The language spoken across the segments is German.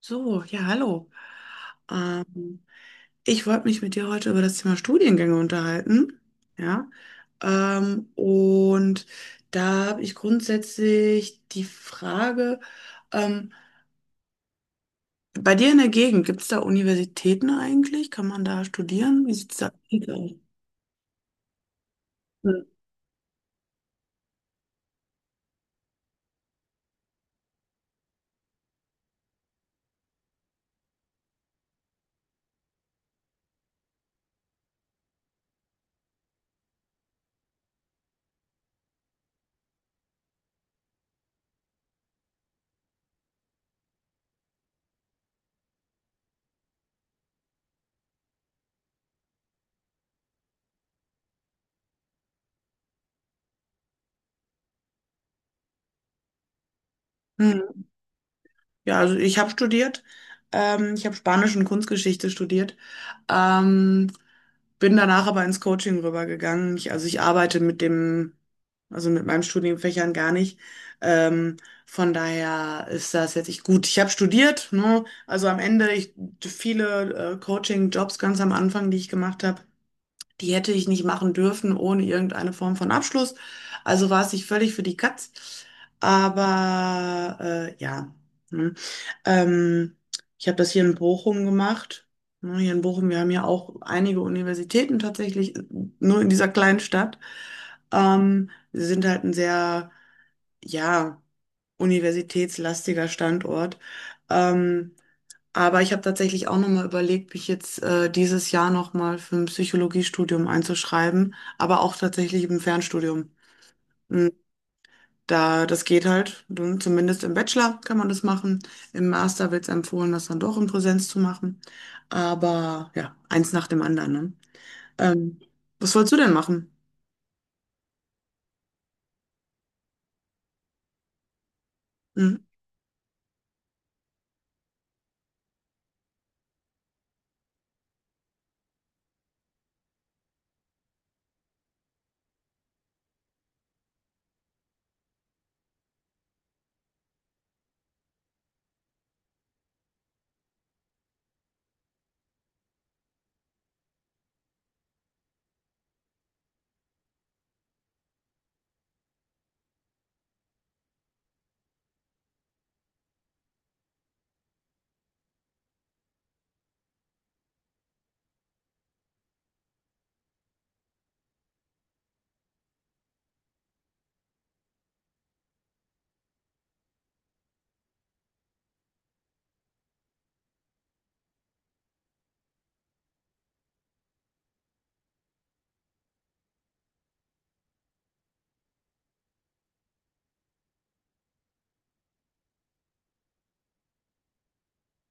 So, ja, hallo. Ähm, ich wollte mich mit dir heute über das Thema Studiengänge unterhalten. Ja. Und da habe ich grundsätzlich die Frage, ähm, bei dir in der Gegend, gibt es da Universitäten eigentlich? Kann man da studieren? Wie sieht es da aus? Hm. Ja, also ich habe studiert. Ich habe Spanisch und Kunstgeschichte studiert. Ähm, bin danach aber ins Coaching rübergegangen. Also ich arbeite mit dem, also mit meinen Studienfächern gar nicht. Ähm, von daher ist das jetzt ich gut. Ich habe studiert, ne? Viele Coaching-Jobs ganz am Anfang, die ich gemacht habe. Die hätte ich nicht machen dürfen ohne irgendeine Form von Abschluss. Also war es sich völlig für die Katz. Aber ja. Hm. Ähm, ich habe das hier in Bochum gemacht. Ne, hier in Bochum, wir haben ja auch einige Universitäten tatsächlich, nur in dieser kleinen Stadt. Wir sind halt ein sehr, ja, universitätslastiger Standort. Ähm, aber ich habe tatsächlich auch nochmal überlegt, mich jetzt dieses Jahr nochmal für ein Psychologiestudium einzuschreiben, aber auch tatsächlich im Fernstudium. Und Da, das geht halt, zumindest im Bachelor kann man das machen. Im Master wird es empfohlen, das dann doch in Präsenz zu machen. Aber ja, eins nach dem anderen, ne? Ähm, was wolltest du denn machen? Hm?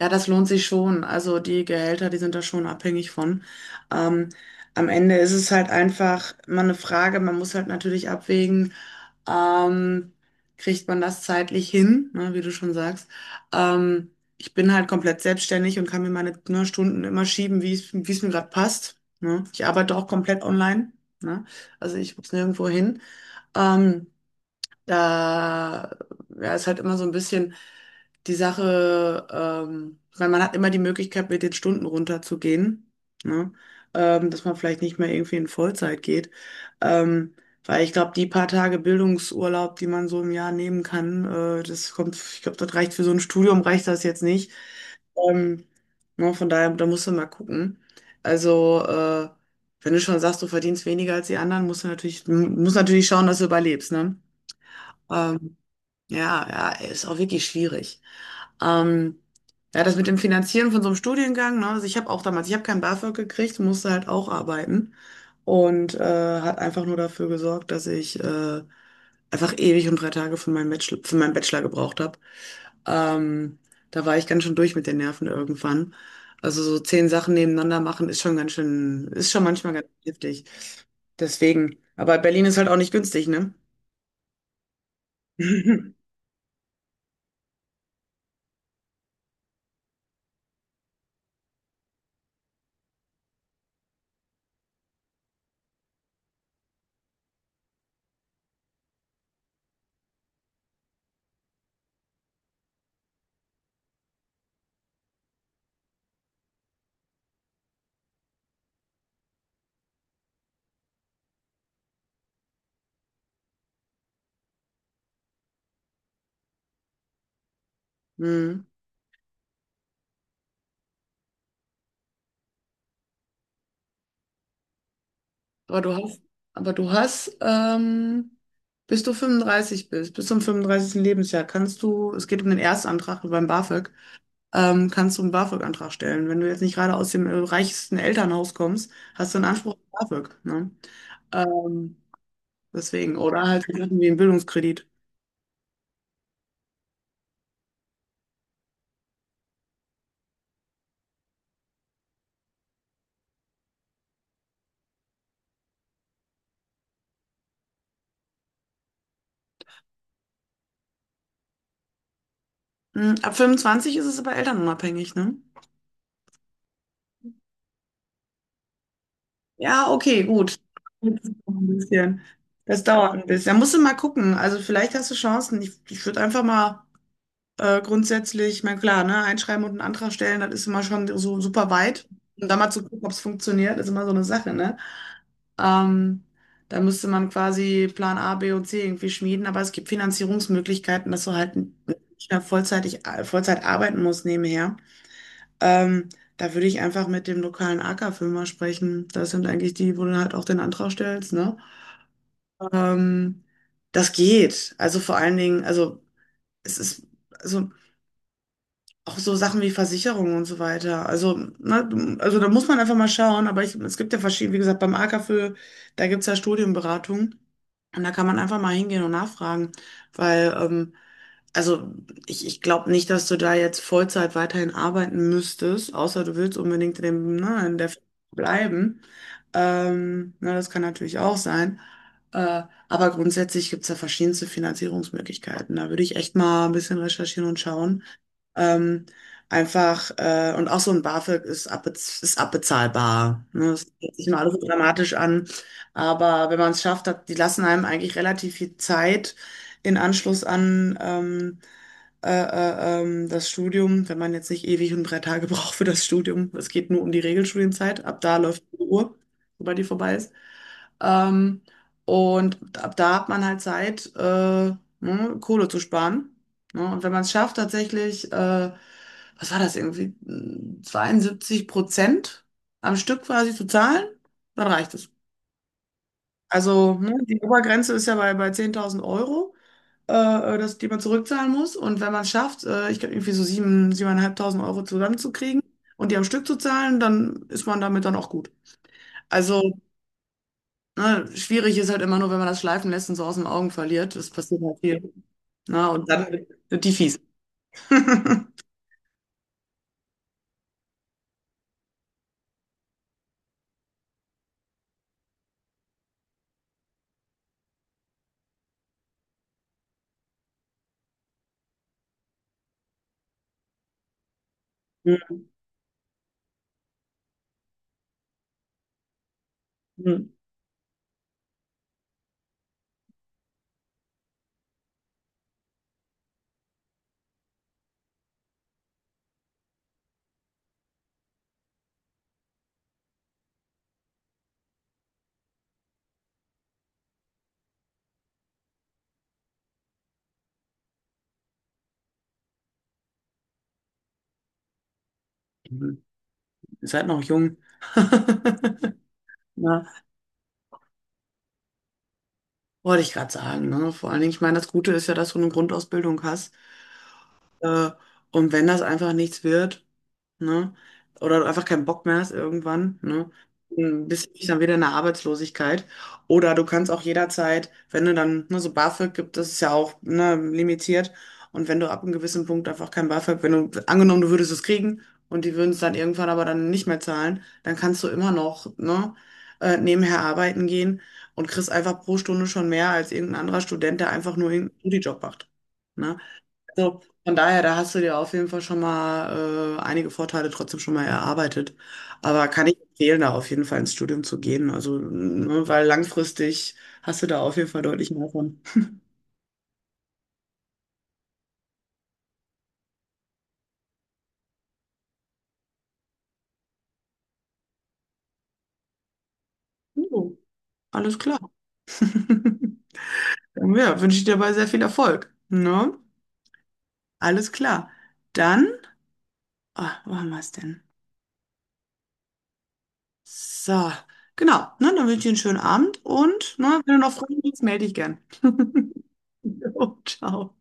Ja, das lohnt sich schon. Also die Gehälter, die sind da schon abhängig von. Ähm, am Ende ist es halt einfach mal eine Frage, man muss halt natürlich abwägen, ähm, kriegt man das zeitlich hin, ne, wie du schon sagst. Ähm, ich bin halt komplett selbstständig und kann mir meine, ne, Stunden immer schieben, wie es mir gerade passt. Ne? Ich arbeite auch komplett online. Ne? Also ich muss nirgendwo hin. Ähm, da ja, ist halt immer so ein bisschen die Sache, weil man hat immer die Möglichkeit, mit den Stunden runterzugehen, ne? Dass man vielleicht nicht mehr irgendwie in Vollzeit geht. Ähm, weil ich glaube, die paar Tage Bildungsurlaub, die man so im Jahr nehmen kann, das kommt, ich glaube, das reicht für so ein Studium, reicht das jetzt nicht. Ähm, ne, von daher, da musst du mal gucken. Also, wenn du schon sagst, du verdienst weniger als die anderen, musst du natürlich, musst natürlich schauen, dass du überlebst, ne? Ähm, ja, ja, ist auch wirklich schwierig. Ähm, ja, das mit dem Finanzieren von so einem Studiengang, ne? Also ich habe auch damals, ich habe kein BAföG gekriegt, musste halt auch arbeiten und hat einfach nur dafür gesorgt, dass ich einfach ewig und drei Tage für meinen Bachelor gebraucht habe. Ähm, da war ich ganz schön durch mit den Nerven irgendwann. Also so 10 Sachen nebeneinander machen ist schon ganz schön, ist schon manchmal ganz heftig. Deswegen. Aber Berlin ist halt auch nicht günstig, ne? Hm. Aber du hast, aber du hast, bis du 35 bist, bis zum 35. Lebensjahr, kannst du, es geht um den Erstantrag beim BAföG, kannst du einen BAföG-Antrag stellen. Wenn du jetzt nicht gerade aus dem reichsten Elternhaus kommst, hast du einen Anspruch auf BAföG, ne? Ähm, deswegen, oder halt irgendwie einen Bildungskredit. Hm, ab 25 ist es aber elternunabhängig, ne? Ja, okay, gut. Jetzt noch ein bisschen. Das dauert ein bisschen. Da musst du mal gucken. Also vielleicht hast du Chancen. Ich würde einfach mal grundsätzlich, ich meine, klar, ne, einschreiben und einen Antrag stellen, das ist immer schon so super weit. Und da mal zu gucken, ob es funktioniert, ist immer so eine Sache, ne? Ähm, da müsste man quasi Plan A, B und C irgendwie schmieden, aber es gibt Finanzierungsmöglichkeiten, dass du halt nicht mehr vollzeitig, Vollzeit arbeiten musst nebenher. Ähm, da würde ich einfach mit dem lokalen AK-Firma sprechen. Das sind eigentlich die, wo du halt auch den Antrag stellst, ne? Ähm, das geht. Also vor allen Dingen, also es ist. Also auch so Sachen wie Versicherungen und so weiter. Also, ne, also da muss man einfach mal schauen. Aber ich, es gibt ja verschiedene, wie gesagt, beim AKFÖ, da gibt es ja Studienberatung. Und da kann man einfach mal hingehen und nachfragen. Weil, also ich glaube nicht, dass du da jetzt Vollzeit weiterhin arbeiten müsstest, außer du willst unbedingt in dem, ne, in der Firma bleiben. Ne, das kann natürlich auch sein. Äh, aber grundsätzlich gibt es da verschiedenste Finanzierungsmöglichkeiten. Da würde ich echt mal ein bisschen recherchieren und schauen. Ähm, einfach, und auch so ein BAföG ist, abbez ist abbezahlbar. Ne? Das hört sich immer alles so dramatisch an. Aber wenn man es schafft, hat, die lassen einem eigentlich relativ viel Zeit in Anschluss an das Studium, wenn man jetzt nicht ewig und drei Tage braucht für das Studium. Es geht nur um die Regelstudienzeit. Ab da läuft die Uhr, sobald die vorbei ist. Ähm, und ab da hat man halt Zeit, ne, Kohle zu sparen. Ne? Und wenn man es schafft, tatsächlich, was war das irgendwie, 72% am Stück quasi zu zahlen, dann reicht es. Also, ne, die Obergrenze ist ja bei 10.000 Euro, äh, das, die man zurückzahlen muss. Und wenn man es schafft, ich glaube, irgendwie so 7, 7.500 Euro zusammenzukriegen und die am Stück zu zahlen, dann ist man damit dann auch gut. Also, ne, schwierig ist halt immer nur, wenn man das schleifen lässt und so aus den Augen verliert. Das passiert halt viel. Na, und dann sind die fies. Mhm. Ihr seid noch jung. Na, wollte ich gerade sagen. Ne? Vor allen Dingen, ich meine, das Gute ist ja, dass du eine Grundausbildung hast. Äh, und wenn das einfach nichts wird, ne? Oder du einfach keinen Bock mehr hast irgendwann, ne? Dann bist du dann wieder in der Arbeitslosigkeit. Oder du kannst auch jederzeit, wenn du dann, ne, so BAföG gibt, das ist ja auch, ne, limitiert. Und wenn du ab einem gewissen Punkt einfach kein BAföG, wenn du, angenommen, du würdest es kriegen und die würden es dann irgendwann aber dann nicht mehr zahlen, dann kannst du immer noch, ne, nebenher arbeiten gehen und kriegst einfach pro Stunde schon mehr als irgendein anderer Student, der einfach nur irgendeinen Studijob macht. Ne? Also von daher, da hast du dir auf jeden Fall schon mal einige Vorteile trotzdem schon mal erarbeitet. Aber kann ich empfehlen, da auf jeden Fall ins Studium zu gehen. Also, ne, weil langfristig hast du da auf jeden Fall deutlich mehr von. Jo, alles klar. Dann ja, wünsche ich dir dabei sehr viel Erfolg. Ne? Alles klar. Dann, ah, wo haben wir es denn? So, genau. Ne, dann wünsche ich dir einen schönen Abend und ne, wenn du noch Fragen hast, melde dich gern. Jo, ciao.